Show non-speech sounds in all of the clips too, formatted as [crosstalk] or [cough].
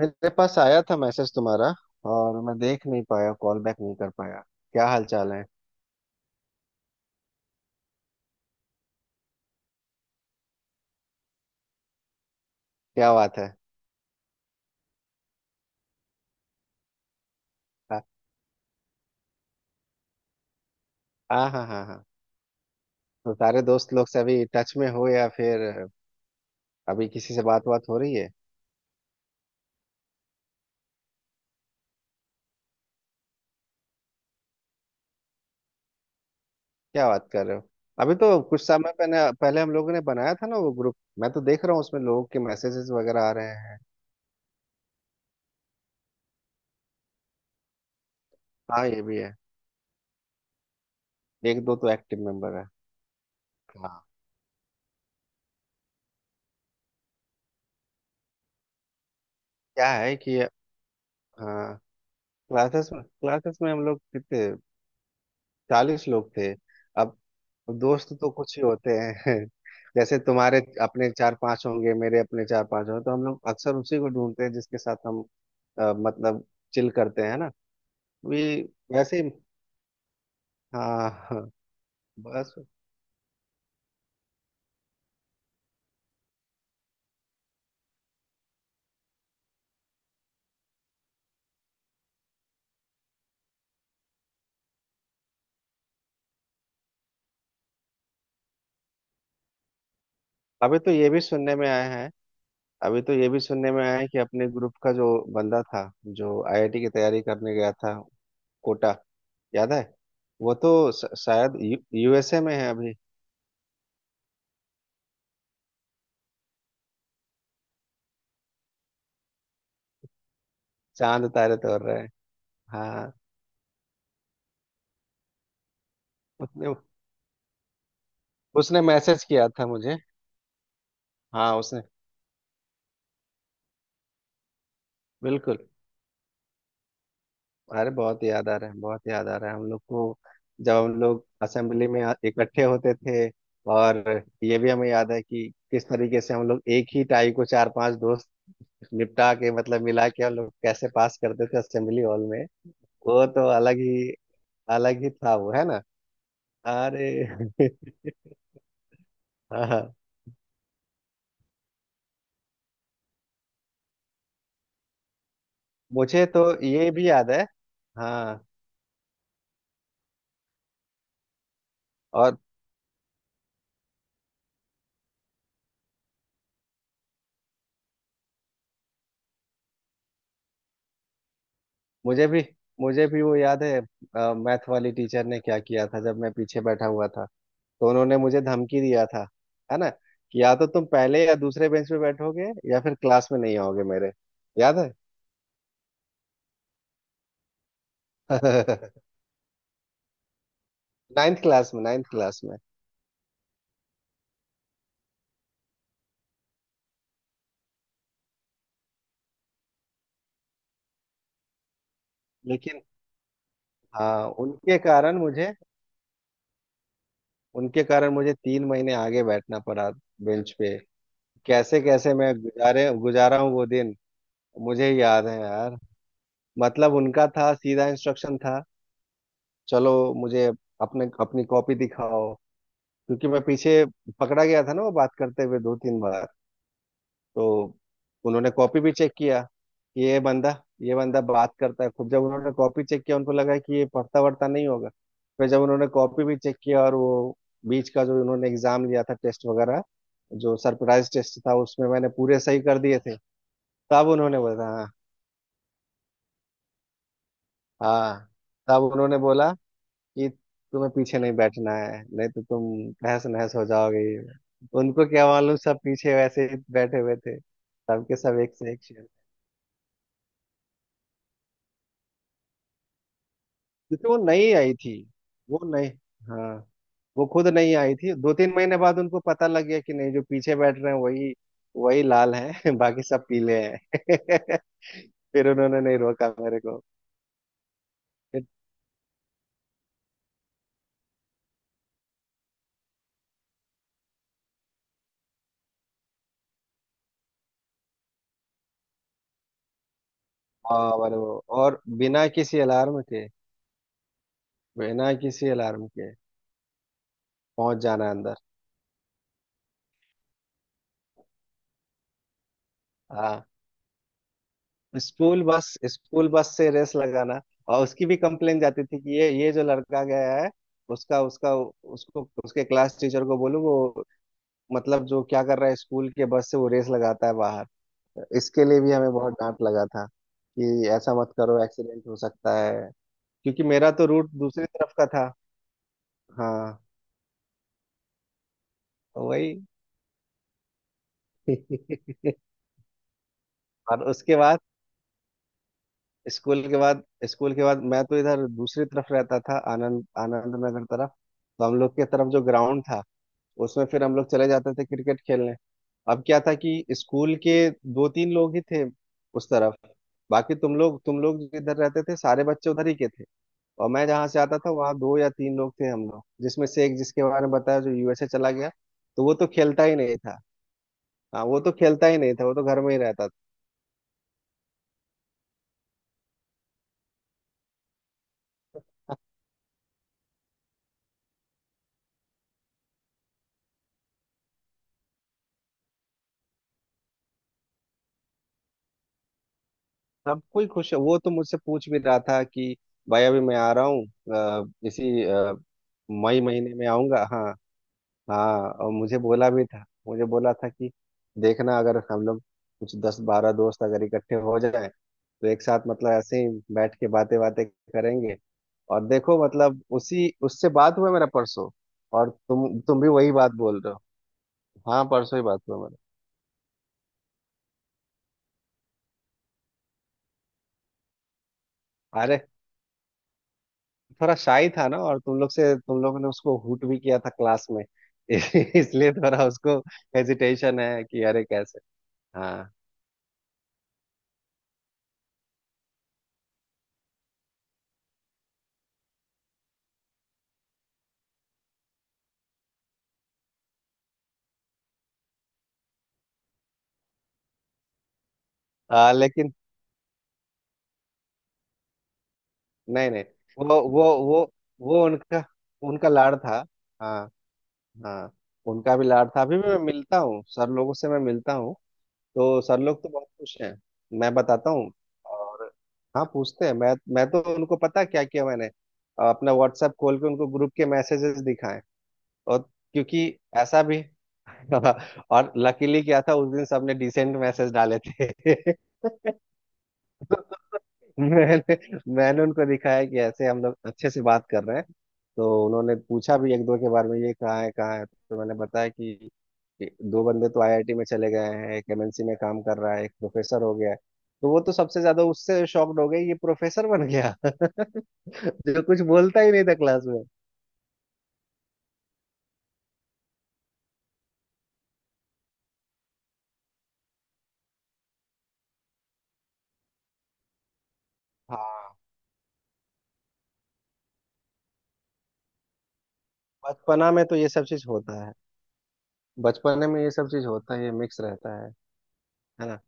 मेरे पास आया था मैसेज तुम्हारा। और मैं देख नहीं पाया, कॉल बैक नहीं कर पाया। क्या हाल चाल है? क्या बात है? हाँ हाँ हाँ हाँ हाँ। तो सारे दोस्त लोग से अभी टच में हो, या फिर अभी किसी से बात बात हो रही है? क्या बात कर रहे हो! अभी तो कुछ समय पहले पहले हम लोगों ने बनाया था ना वो ग्रुप, मैं तो देख रहा हूँ उसमें लोगों के मैसेजेस वगैरह आ रहे हैं। हाँ, ये भी है। एक दो तो एक्टिव मेंबर है। हाँ, क्या है कि, हाँ, क्लासेस में हम लोग कितने, 40 लोग थे। अब दोस्त तो कुछ ही होते हैं। [laughs] जैसे तुम्हारे अपने चार पांच होंगे, मेरे अपने चार पांच होंगे, तो हम लोग अक्सर उसी को ढूंढते हैं जिसके साथ हम मतलब चिल करते हैं ना। अभी वैसे ही- हाँ हाँ। बस। अभी तो ये भी सुनने में आया है अभी तो ये भी सुनने में आया है कि अपने ग्रुप का जो बंदा था, जो आईआईटी की तैयारी करने गया था, कोटा, याद है? वो तो शायद यूएसए में है अभी। चांद तारे तोड़ रहे हैं। हाँ, उसने उसने मैसेज किया था मुझे। हाँ, उसने। बिल्कुल। अरे बहुत याद आ रहा है, बहुत याद आ रहा है हम लोग को। जब हम लोग असेंबली में इकट्ठे होते थे, और ये भी हमें याद है कि किस तरीके से हम लोग एक ही टाई को चार पांच दोस्त निपटा के, मतलब मिला के, हम लोग कैसे पास करते थे असेंबली हॉल में। वो तो अलग ही, अलग ही था वो, है ना? अरे [laughs] हाँ हाँ। मुझे तो ये भी याद है। हाँ। और मुझे भी मुझे भी वो याद है। मैथ वाली टीचर ने क्या किया था, जब मैं पीछे बैठा हुआ था, तो उन्होंने मुझे धमकी दिया था, है ना, कि या तो तुम पहले या दूसरे बेंच पे बैठोगे या फिर क्लास में नहीं आओगे मेरे। याद है? [laughs] नाइन्थ क्लास में, नाइन्थ क्लास में। लेकिन हाँ, उनके कारण मुझे 3 महीने आगे बैठना पड़ा बेंच पे। कैसे कैसे मैं गुजारे गुजारा हूँ वो दिन, मुझे याद है यार। मतलब उनका था, सीधा इंस्ट्रक्शन था, चलो, मुझे अपने अपनी कॉपी दिखाओ। क्योंकि मैं पीछे पकड़ा गया था ना वो बात करते हुए, 2-3 बार। तो उन्होंने कॉपी भी चेक किया कि ये बंदा, ये बंदा बात करता है खुद। जब उन्होंने कॉपी चेक किया, उनको लगा कि ये पढ़ता वढ़ता नहीं होगा। फिर जब उन्होंने कॉपी भी चेक किया, और वो बीच का जो उन्होंने एग्जाम लिया था, टेस्ट वगैरह, जो सरप्राइज टेस्ट था, उसमें मैंने पूरे सही कर दिए थे। तब उन्होंने बोला हाँ, हाँ। तब उन्होंने बोला कि तुम्हें पीछे नहीं बैठना है, नहीं तो तुम तहस नहस हो जाओगे ये वो। उनको क्या मालूम, सब पीछे वैसे ही बैठे हुए थे, सबके सब एक से एक शेर। क्योंकि वो नई आई थी। वो नहीं हाँ, वो खुद नहीं आई थी। 2-3 महीने बाद उनको पता लग गया कि नहीं, जो पीछे बैठ रहे हैं वही वही लाल हैं। [laughs] बाकी सब पीले हैं। [laughs] फिर उन्होंने नहीं रोका मेरे को। फिर- हाँ, और वो, और बिना किसी अलार्म के पहुंच जाना अंदर। हाँ। स्कूल बस से रेस लगाना। और उसकी भी कंप्लेन जाती थी कि ये जो लड़का गया है, उसका उसका उसको उसके क्लास टीचर को बोलो वो, मतलब जो क्या कर रहा है, स्कूल के बस से वो रेस लगाता है बाहर। इसके लिए भी हमें बहुत डांट लगा था, कि ऐसा मत करो, एक्सीडेंट हो सकता है। क्योंकि मेरा तो रूट दूसरी तरफ का था। हाँ, तो वही। [laughs] और उसके बाद, स्कूल के बाद स्कूल के बाद मैं तो इधर दूसरी तरफ रहता था, आनंद आनंद नगर तरफ। तो हम लोग के तरफ जो ग्राउंड था, उसमें फिर हम लोग चले जाते थे क्रिकेट खेलने। अब क्या था कि स्कूल के दो तीन लोग ही थे उस तरफ। बाकी तुम लोग जिधर रहते थे सारे बच्चे उधर ही के थे। और मैं जहाँ से आता था वहाँ दो या तीन लोग थे हम लोग, जिसमें से एक, जिसके बारे में बताया, जो यूएसए चला गया। तो वो तो खेलता ही नहीं था। हाँ, वो तो खेलता ही नहीं था, वो तो घर में ही रहता था। सब कोई खुश है। वो तो मुझसे पूछ भी रहा था कि, भाई अभी मैं आ रहा हूँ, अ, इसी अ, मई महीने में आऊंगा। हाँ। हाँ, और मुझे बोला था कि, देखना, अगर हम लोग कुछ 10-12 दोस्त अगर इकट्ठे हो जाए, तो एक साथ मतलब ऐसे ही बैठ के बातें बातें करेंगे। और देखो मतलब उसी उससे बात हुआ मेरा परसों, और तुम भी वही बात बोल रहे हो। हाँ, परसों ही बात हुआ मेरा। अरे थोड़ा शाही था ना, और तुम लोगों ने उसको हूट भी किया था क्लास में। [laughs] इसलिए थोड़ा उसको हेजिटेशन है कि अरे कैसे। हाँ। लेकिन नहीं नहीं, वो वो वो वो उनका उनका लाड़ था। हाँ हाँ। उनका भी लाड़ था। अभी भी मैं मिलता हूँ सर लोगों से, मैं मिलता हूँ। तो सर लोग तो बहुत खुश हैं। मैं बताता हूँ। और हाँ, पूछते हैं। मैं तो उनको पता है क्या किया मैंने, अपना व्हाट्सएप खोल के उनको ग्रुप के मैसेजेस दिखाए। और, क्योंकि ऐसा भी [laughs] और लकीली क्या था, उस दिन सबने डिसेंट मैसेज डाले थे। [laughs] मैंने मैंने उनको दिखाया कि ऐसे हम लोग अच्छे से बात कर रहे हैं। तो उन्होंने पूछा भी एक दो के बारे में, ये कहाँ है, कहाँ है। तो मैंने बताया कि दो बंदे तो आईआईटी में चले गए हैं, एक एमएनसी में काम कर रहा है, एक प्रोफेसर हो गया है। तो वो तो सबसे ज्यादा उससे शॉक्ड हो गए, ये प्रोफेसर बन गया। [laughs] जो कुछ बोलता ही नहीं था क्लास में। हाँ, बचपना में तो ये सब चीज होता है, बचपने में ये सब चीज होता है, ये मिक्स रहता है। है ना?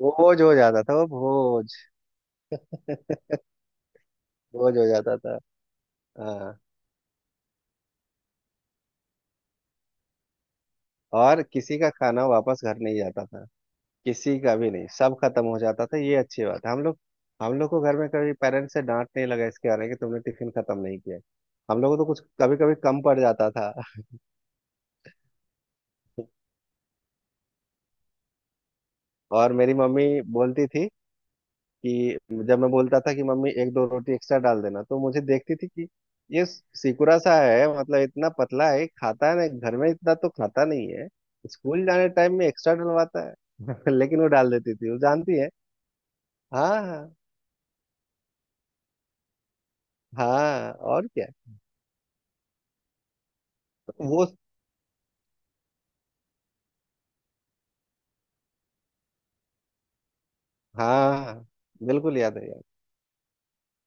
बोझ हो जाता था वो, बोझ। [laughs] बोझ हो जाता था। हाँ, और किसी का खाना वापस घर नहीं जाता था। किसी का भी नहीं, सब खत्म हो जाता था। ये अच्छी बात है। हम लोग को घर में कभी पेरेंट्स से डांट नहीं लगा इसके आने कि तुमने टिफिन खत्म नहीं किया। हम लोगों को तो कुछ कभी कभी कम पड़ जाता था। [laughs] और मेरी मम्मी बोलती थी कि, जब मैं बोलता था कि, मम्मी एक दो रोटी एक्स्ट्रा डाल देना, तो मुझे देखती थी कि ये सिकुड़ा सा है, मतलब इतना पतला है, खाता है ना घर में इतना तो, खाता नहीं है स्कूल जाने टाइम में एक्स्ट्रा डलवाता है। [laughs] लेकिन वो डाल देती थी, वो जानती है। हाँ हाँ। हाँ, और क्या। वो, हाँ, बिल्कुल याद है यार।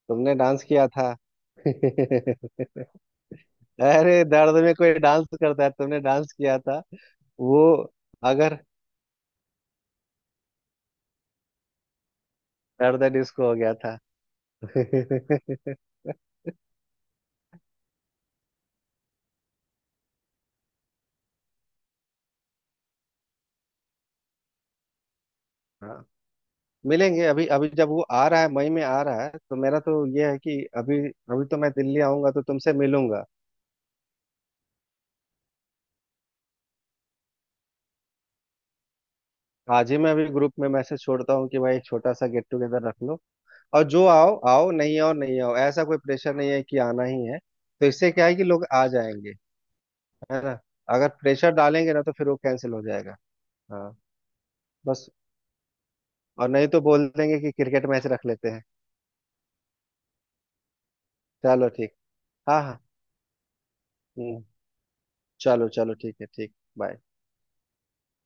तुमने डांस किया था। [laughs] अरे दर्द में कोई डांस करता है, तुमने डांस किया था। वो, अगर, दर्द डिस्को हो गया था। [laughs] हाँ, मिलेंगे। अभी, अभी जब वो आ रहा है, मई में आ रहा है, तो मेरा तो ये है कि, अभी, अभी तो मैं दिल्ली आऊंगा तो तुमसे मिलूंगा। आज ही मैं अभी ग्रुप में मैसेज छोड़ता हूँ कि भाई एक छोटा सा गेट टुगेदर रख लो। और जो आओ आओ, नहीं आओ नहीं आओ, ऐसा कोई प्रेशर नहीं है कि आना ही है। तो इससे क्या है कि लोग आ जाएंगे। है ना, अगर प्रेशर डालेंगे ना तो फिर वो कैंसिल हो जाएगा। हाँ। बस। और नहीं तो बोल देंगे कि क्रिकेट मैच रख लेते हैं। चलो ठीक। हाँ हाँ। हम्म। चलो चलो, ठीक है, ठीक, बाय।